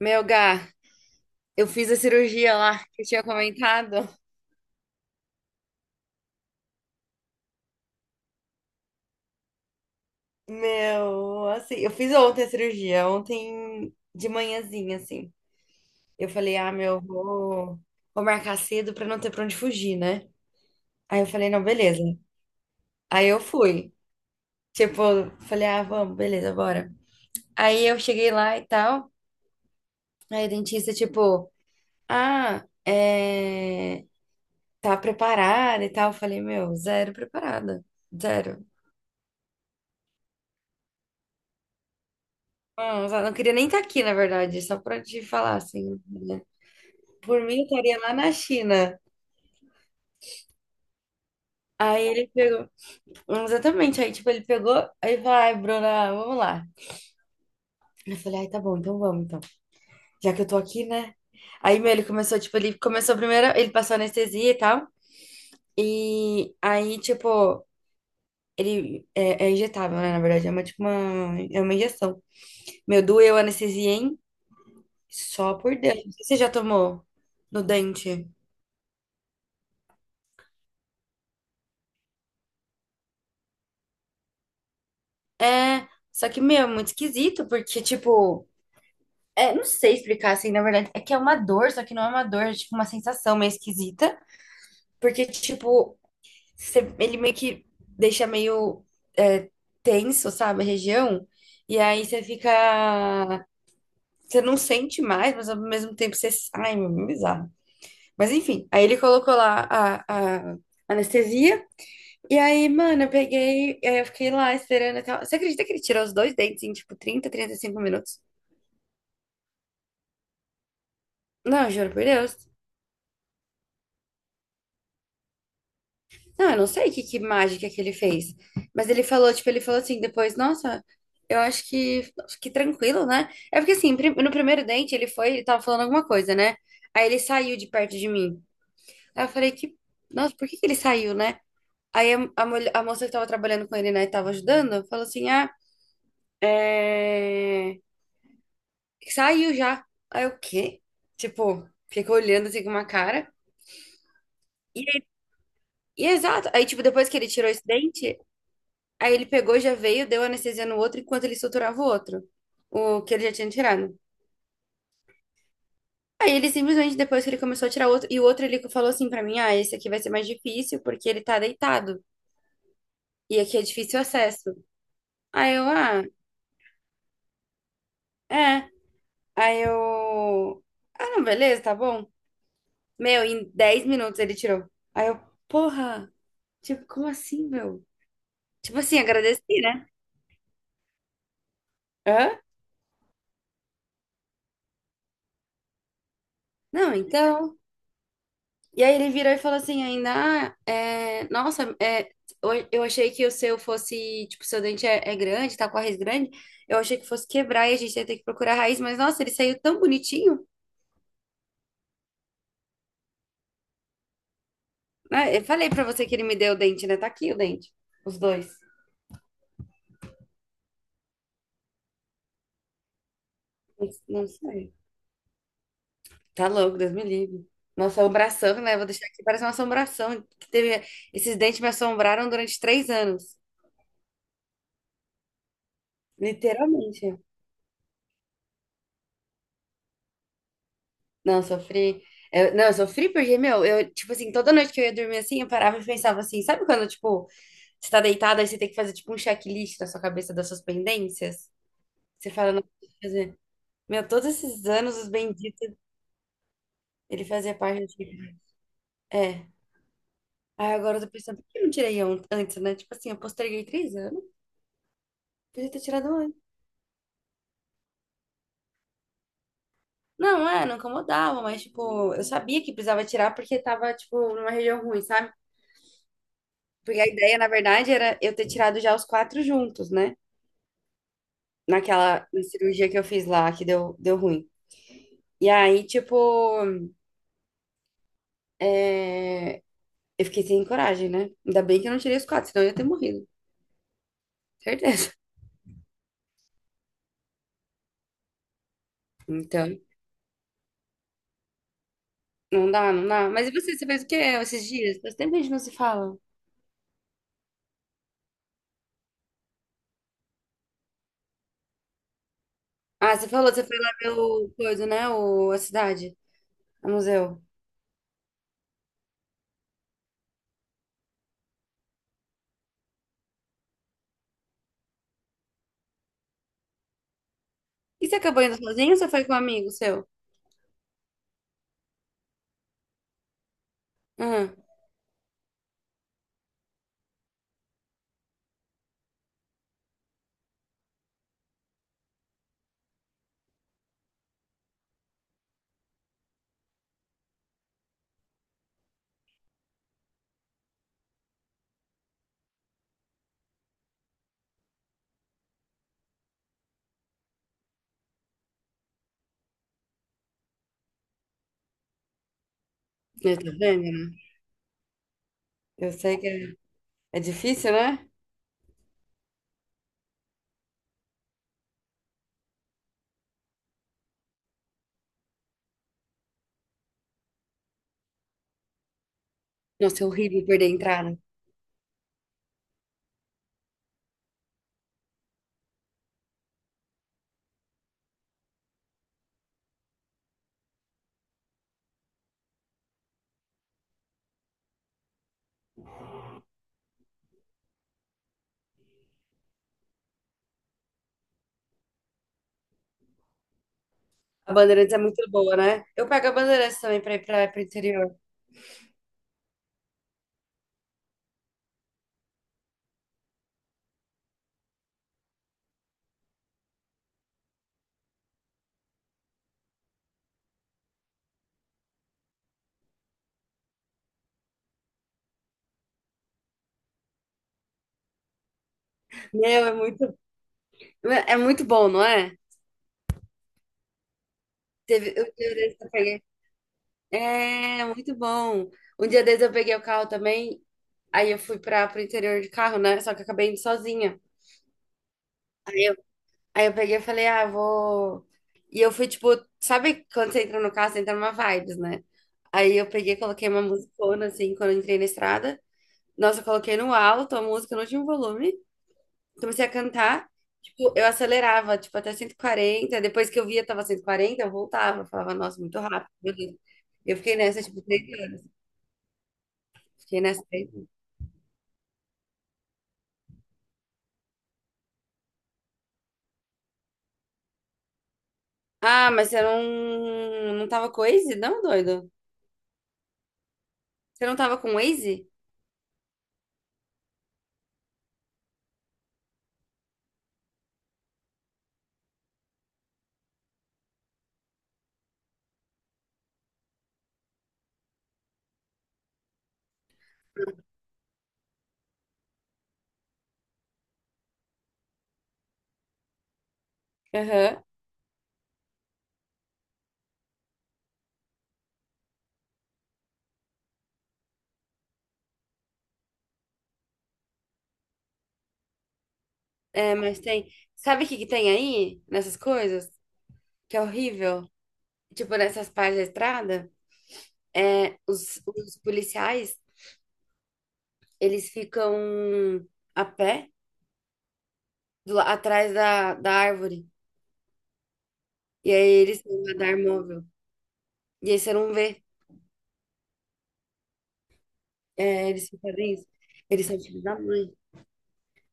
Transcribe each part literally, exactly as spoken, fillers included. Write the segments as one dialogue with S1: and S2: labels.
S1: Meu, Gá, eu fiz a cirurgia lá que eu tinha comentado. Meu, assim, eu fiz ontem a cirurgia, ontem de manhãzinha, assim. Eu falei, ah, meu, vou, vou marcar cedo pra não ter pra onde fugir, né? Aí eu falei, não, beleza. Aí eu fui. Tipo, falei, ah, vamos, beleza, bora. Aí eu cheguei lá e tal. Aí o dentista, tipo, ah, é... tá preparada e tal. Eu falei, meu, zero preparada. Zero. Não, eu não queria nem estar aqui, na verdade, só pra te falar, assim, né? Por mim, eu estaria lá na China. Aí ele pegou, exatamente, aí, tipo, ele pegou, aí falou, ai, Bruna, vamos lá. Eu falei, ai, tá bom, então vamos, então. Já que eu tô aqui, né? Aí, meu, ele começou, tipo, ele começou primeiro, ele passou anestesia e tal, e aí, tipo, ele é, é injetável, né, na verdade, é uma, tipo, uma, é uma injeção. Meu, doeu a anestesia, hein? Só por Deus. Não sei se você já tomou no dente? É, só que, meu, é muito esquisito, porque, tipo, é, não sei explicar assim, na verdade, é que é uma dor, só que não é uma dor, é tipo uma sensação meio esquisita, porque, tipo, você- ele meio que deixa meio é, tenso, sabe, a região, e aí você fica. Você não sente mais, mas ao mesmo tempo você. Ai, meu, é bizarro. Mas enfim, aí ele colocou lá a, a anestesia. E aí, mano, eu peguei, aí eu fiquei lá esperando até. Você acredita que ele tirou os dois dentes em, tipo, trinta, trinta e cinco minutos? Não, juro por Deus. Não, eu não sei que, que mágica que ele fez. Mas ele falou, tipo, ele falou assim, depois, nossa, eu acho que, acho que tranquilo, né? É porque assim, prim- no primeiro dente ele foi, ele tava falando alguma coisa, né? Aí ele saiu de perto de mim. Aí eu falei que, nossa, por que que ele saiu, né? Aí a, a, mulher- a moça que tava trabalhando com ele, né, tava ajudando, falou assim, ah, é... saiu já. Aí eu, o quê? Tipo, ficou olhando assim com uma cara. E, e exato, aí tipo, depois que ele tirou esse dente. Aí ele pegou, já veio, deu anestesia no outro enquanto ele suturava o outro, o que ele já tinha tirado. Aí ele simplesmente, depois que ele começou a tirar outro, e o outro ele falou assim pra mim: ah, esse aqui vai ser mais difícil porque ele tá deitado e aqui é difícil o acesso. Aí eu, ah, é. Aí eu, ah, não, beleza, tá bom. Meu, em dez minutos ele tirou. Aí eu, porra, tipo, como assim, meu? Tipo assim, agradeci, né? Hã? Não, então. E aí ele virou e falou assim ainda, ah, é, nossa, é, eu eu achei que o seu fosse, tipo, seu dente é, é, grande, tá com a raiz grande, eu achei que fosse quebrar e a gente ia ter que procurar a raiz, mas nossa, ele saiu tão bonitinho, né? Eu falei pra você que ele me deu o dente, né? Tá aqui o dente, os dois. Não sei. Tá louco, Deus me livre. Uma assombração, né? Vou deixar aqui, parece uma assombração que teve, esses dentes me assombraram durante três anos, literalmente. Não, sofri. Eu- não, eu sofri porque, meu, eu, tipo assim, toda noite que eu ia dormir assim, eu parava e pensava assim, sabe quando, tipo, você tá deitada e você tem que fazer, tipo, um checklist na sua cabeça das suas pendências? Você fala, não, eu que fazer. Meu, todos esses anos, os benditos, ele fazia parte. de- É. Aí agora eu tô pensando, por que eu não tirei an- antes, né? Tipo assim, eu posterguei três anos, podia ter tirado antes. Não, é, não incomodava, mas, tipo, eu sabia que precisava tirar porque tava, tipo, numa região ruim, sabe? Porque a ideia, na verdade, era eu ter tirado já os quatro juntos, né? naquela na cirurgia que eu fiz lá, que deu, deu ruim. E aí, tipo, é, eu fiquei sem coragem, né? Ainda bem que eu não tirei os quatro, senão eu ia ter morrido. Certeza. Então, não dá, não dá. Mas e você, você fez o quê esses dias? Faz tempo que a gente não se fala. Ah, você falou, você foi lá ver o coisa, né? O, a cidade, o museu. E você acabou indo sozinho ou você foi com um amigo seu? Aham. Eu tô vendo, né? Eu sei que é, é difícil, né? Nossa, é horrível perder a entrada. A Bandeirantes é muito boa, né? Eu pego a Bandeirantes também pra ir pra, pro interior. Meu, é muito, é muito bom, não é? Teve, um dia desse eu peguei. É, muito bom. Um dia desse eu peguei o carro também. Aí eu fui para pro interior de carro, né? Só que eu acabei indo sozinha. Aí eu, aí eu peguei e falei, ah, vou. E eu fui tipo, sabe quando você entra no carro, você entra numa vibes, né? Aí eu peguei, e coloquei uma musicona assim, quando eu entrei na estrada. Nossa, eu coloquei no alto a música no último volume. Comecei a cantar, tipo, eu acelerava, tipo, até cento e quarenta. Depois que eu via, tava cento e quarenta, eu voltava. Eu falava, nossa, muito rápido, meu Deus. Eu fiquei nessa, tipo, três anos. Fiquei nessa, três anos. Ah, mas você não, não tava com o Waze? Não, doido? Você não tava com o Waze? Aham. É, mas tem. Sabe o que que tem aí nessas coisas? Que é horrível. Tipo, nessas partes da estrada, é, os, os policiais, eles ficam a pé do la- atrás da, da árvore. E aí eles têm um radar móvel. E aí você não vê, né? Eles só fazem isso. Eles são filhos da mãe.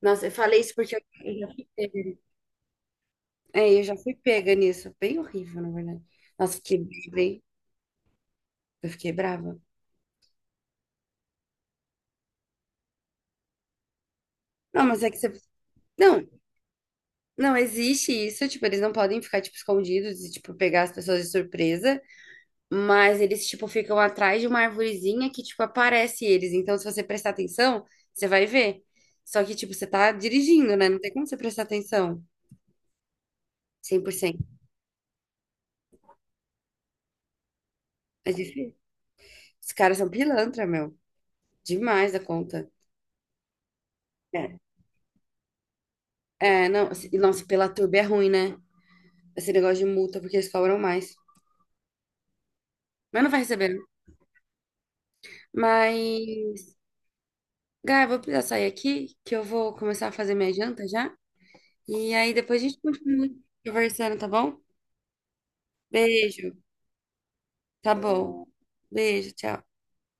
S1: Nossa, eu falei isso porque eu eu já fui pega. É, eu já fui pega nisso. Bem horrível, na verdade. Nossa, fiquei bem eu fiquei brava. Não, mas é que você. Não, não existe isso. Tipo, eles não podem ficar, tipo, escondidos e, tipo, pegar as pessoas de surpresa. Mas eles, tipo, ficam atrás de uma arvorezinha que, tipo, aparece eles. Então, se você prestar atenção, você vai ver. Só que, tipo, você tá dirigindo, né? Não tem como você prestar atenção cem por cento. É difícil. Os caras são pilantra, meu. Demais da conta. É, é não. se- Nossa, pela turba é ruim, né? Esse negócio de multa, porque eles cobram mais. Mas não vai receber, né? Mas, Gá, eu vou precisar sair aqui, que eu vou começar a fazer minha janta já. E aí depois a gente continua conversando, tá bom? Beijo. Tá bom. Beijo, tchau.